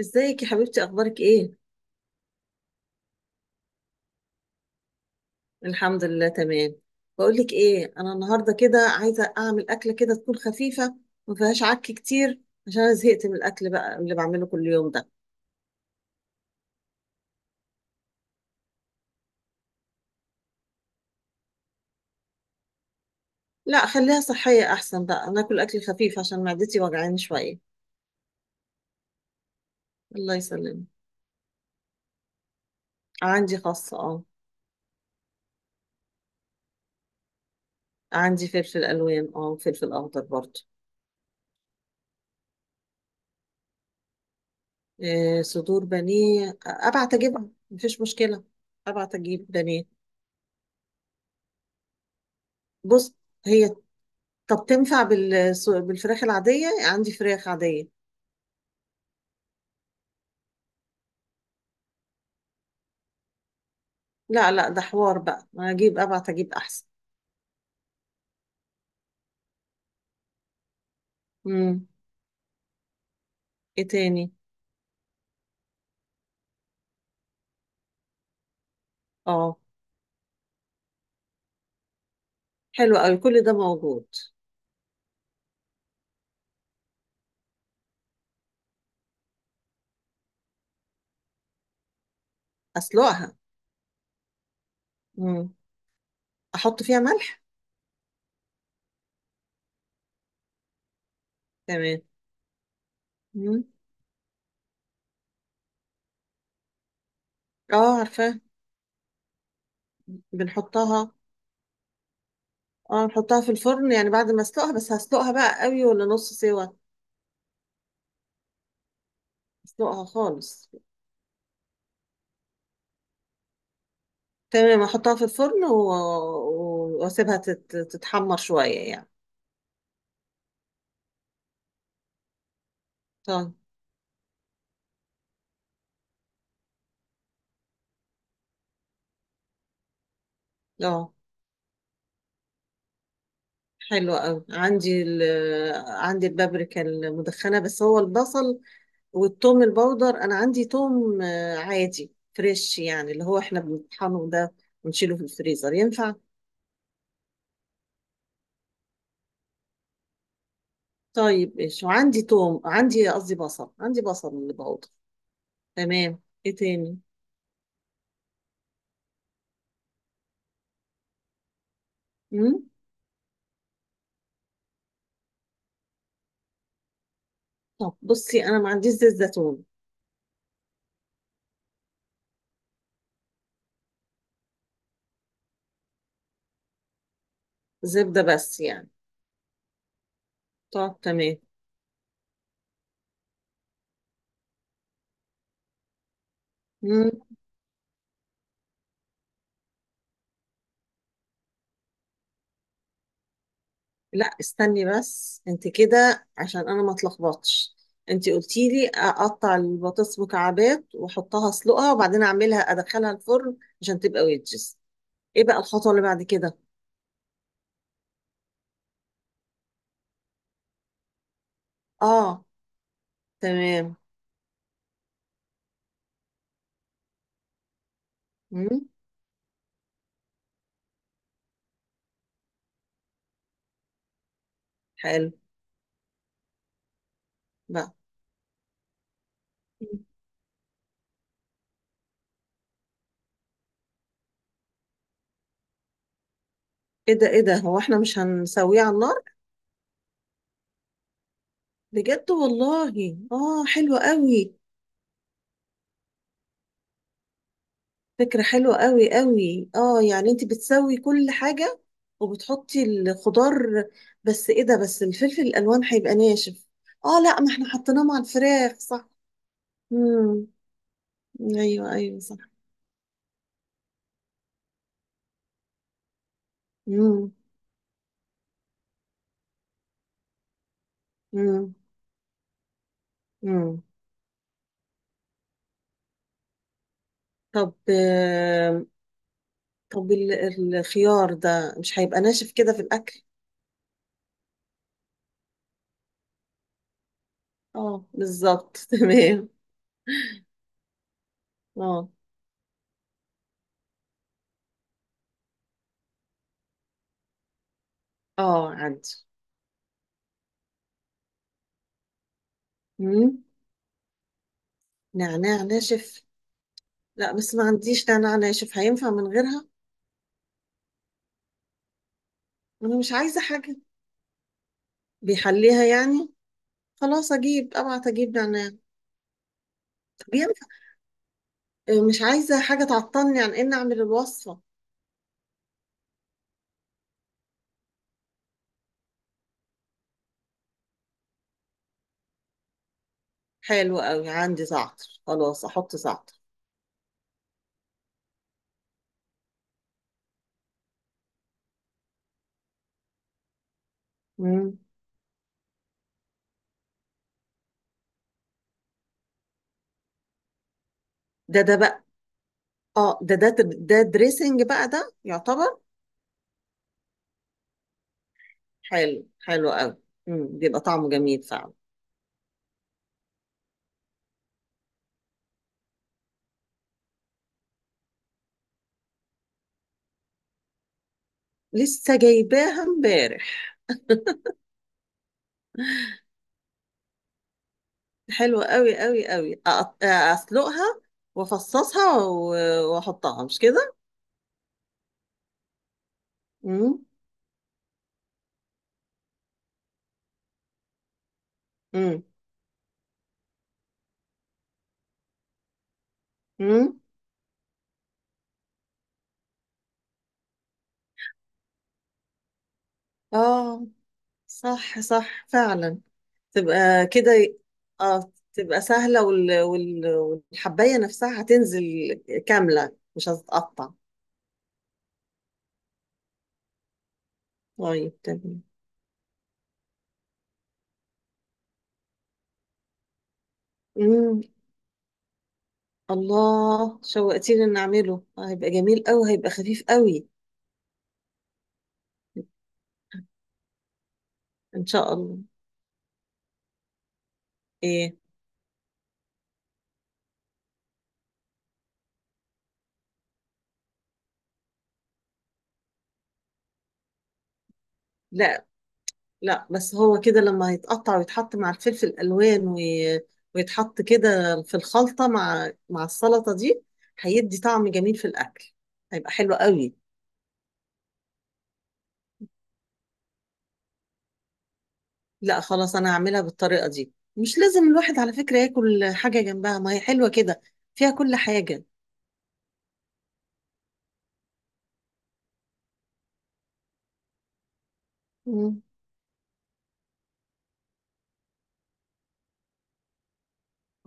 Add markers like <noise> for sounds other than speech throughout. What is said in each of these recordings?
ازيك يا حبيبتي؟ اخبارك ايه؟ الحمد لله، تمام. بقول لك ايه، انا النهارده كده عايزه اعمل اكله كده تكون خفيفه، ما فيهاش عك كتير، عشان انا زهقت من الاكل بقى اللي بعمله كل يوم ده. لا، خليها صحيه احسن بقى، انا اكل اكل خفيف عشان معدتي وجعاني شويه. الله يسلمك. عندي خاصه، اه. عندي فلفل الوان، وفلفل اخضر برضه. إيه؟ صدور بانيه؟ ابعت اجيبها، مفيش مشكله. ابعت اجيب بانيه. بص. هي... طب تنفع بالفراخ العادية؟ عندي فراخ عادية. لا، لا، ده حوار بقى، هجيب، ابعت اجيب احسن. امم. ايه تاني؟ اه، حلو قوي. كل ده موجود. اسلقها؟ امم. احط فيها ملح؟ تمام. امم. اه، عارفاه. بنحطها. اه، نحطها في الفرن يعني بعد ما اسلقها؟ بس هسلقها بقى قوي ولا نص سوا؟ اسلقها خالص؟ تمام، احطها في الفرن واسيبها تتحمر شوية يعني. طيب. اه، حلو قوي. عندي البابريكا المدخنة، بس هو البصل والثوم البودر أنا عندي ثوم، عادي، فريش يعني اللي هو احنا بنطحنه ده ونشيله في الفريزر، ينفع؟ طيب، ايش؟ وعندي ثوم، عندي، قصدي بصل، عندي بصل بودر. تمام. ايه تاني؟ مم؟ طب بصي، أنا ما عنديش زيت زيتون. زبدة بس يعني؟ طب، تمام. لا، استني بس انت كده عشان انا ما اتلخبطش. انت قلتي لي اقطع البطاطس مكعبات واحطها، اسلقها، وبعدين اعملها ادخلها الفرن عشان تبقى ويدجز. ايه بقى الخطوه اللي بعد كده؟ اه. تمام. مم. حلو بقى. مم. ايه ده، ايه ده؟ هو احنا مش هنسويه على النار؟ بجد والله؟ اه، حلو قوي. فكرة حلوة قوي قوي، يعني انت بتسوي كل حاجة وبتحطي الخضار. بس ايه ده؟ بس الفلفل الالوان هيبقى ناشف. اه لا، ما احنا حطيناه مع الفراخ، صح؟ امم. ايوه، ايوه، صح. امم. امم. امم. طب، طب ال- الخيار ده مش هيبقى ناشف كده في الاكل؟ اه، بالظبط. <laughs> تمام. اه، اه، عندي. امم. نعناع ناشف؟ لا، بس ما عنديش نعناع ناشف، هينفع من غيرها؟ انا مش عايزه حاجه. بيحليها يعني؟ خلاص، ابعت اجيب نعناع. طب ينفع؟ مش عايزه حاجه تعطلني عن ان اعمل الوصفه. حلو قوي، عندي زعتر، خلاص احط زعتر. مم. ده بقى، اه ده دريسنج بقى، ده يعتبر. حلو، حلو قوي. مم. بيبقى طعمه جميل فعلا. لسه جايباها امبارح. حلوه قوي قوي قوي، اسلقها وافصصها و- واحطها، مش كده؟ امم. امم. امم. اه، صح، صح، فعلا. تبقى كده. اه، تبقى سهلة، والحباية نفسها هتنزل كاملة، مش هتتقطع. طيب، تمام. امم. الله، شوقتيني ان اعمله. هيبقى جميل قوي، هيبقى خفيف قوي. ان شاء الله. ايه؟ لا، لا، بس هو كده لما هيتقطع ويتحط مع الفلفل الالوان ويتحط كده في الخلطة مع السلطة دي، هيدي طعم جميل في الاكل. هيبقى حلو قوي. لا، خلاص، انا هعملها بالطريقه دي، مش لازم الواحد على فكره ياكل حاجه جنبها، ما هي حلوه كده. فيها كل حاجه. مم.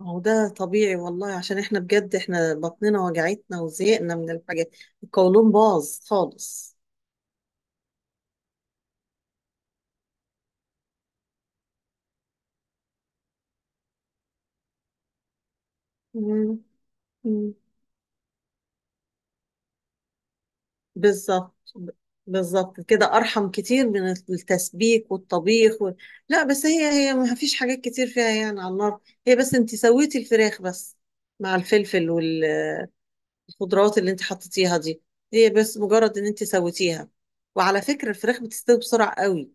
هو ده طبيعي والله، عشان احنا بجد احنا بطننا وجعتنا وزهقنا من الحاجات. القولون باظ خالص. مم. مم. بالظبط ب- بالظبط كده ارحم كتير من التسبيك والطبيخ لا، بس هي ما فيش حاجات كتير فيها يعني على النار. هي بس انت سويتي الفراخ بس مع الفلفل. الخضروات اللي انت حطيتيها دي، هي بس مجرد ان انت سويتيها. وعلى فكرة الفراخ بتستوي بسرعة قوي.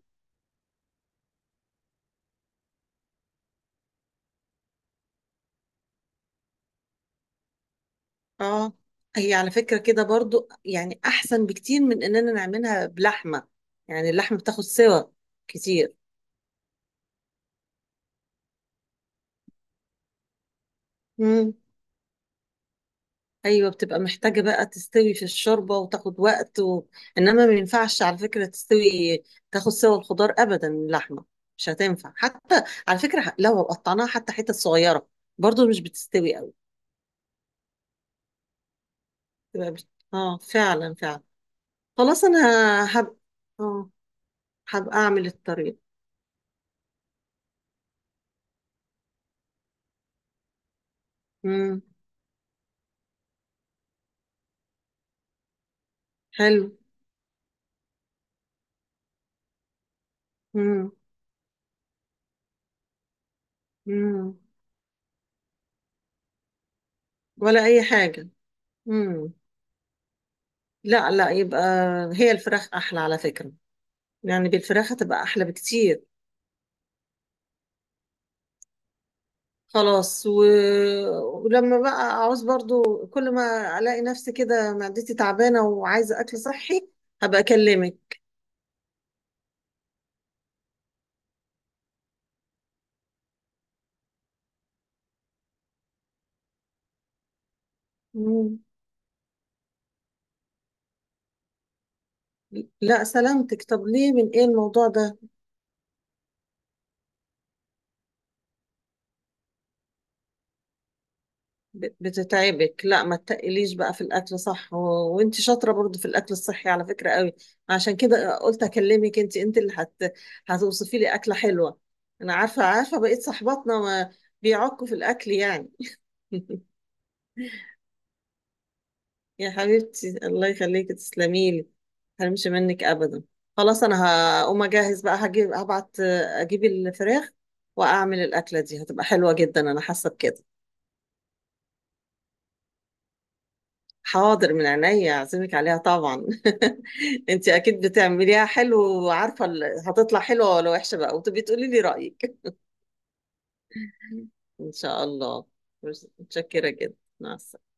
اه، هي على فكرة كده برضو يعني احسن بكتير من اننا نعملها بلحمة. يعني اللحمة بتاخد سوا كتير. امم. ايوه، بتبقى محتاجة بقى تستوي في الشوربة وتاخد وقت انما ما ينفعش على فكرة تستوي، تاخد سوا الخضار ابدا من اللحمة. مش هتنفع حتى على فكرة لو قطعناها حتى حتت صغيرة، برضو مش بتستوي قوي. تبقى بت- اه، فعلا، فعلا. خلاص انا... هب اه، هبقى اعمل الطريق. امم. حلو. امم. امم. ولا اي حاجه. امم. لا، لا يبقى، هي الفراخ احلى على فكره. يعني بالفراخ هتبقى احلى بكتير. خلاص، ولما بقى اعوز برضو، كل ما الاقي نفسي كده معدتي تعبانه وعايزه اكل صحي، هبقى اكلمك. مم. لا، سلامتك، طب ليه؟ من ايه الموضوع ده؟ بتتعبك؟ لا، ما تتقليش بقى في الاكل، صح، وانت شاطره برضو في الاكل الصحي على فكره قوي. عشان كده قلت اكلمك، انت اللي هتوصفي لي اكله حلوه. انا عارفه، عارفه بقيت صحباتنا ما بيعكوا في الاكل يعني. <laughs> يا حبيبتي، الله يخليكي، تسلمي لي. هرمش منك ابدا. خلاص، انا هقوم اجهز بقى، هبعت اجيب الفراخ واعمل الاكله دي، هتبقى حلوه جدا، انا حاسه بكده. حاضر، من عينيا، اعزمك عليها طبعا. <laughs> انت اكيد بتعمليها حلو، وعارفه هتطلع حلوه ولا وحشه بقى، وتبقي تقولي لي رايك. <laughs> ان شاء الله. متشكره جدا. مع السلامه.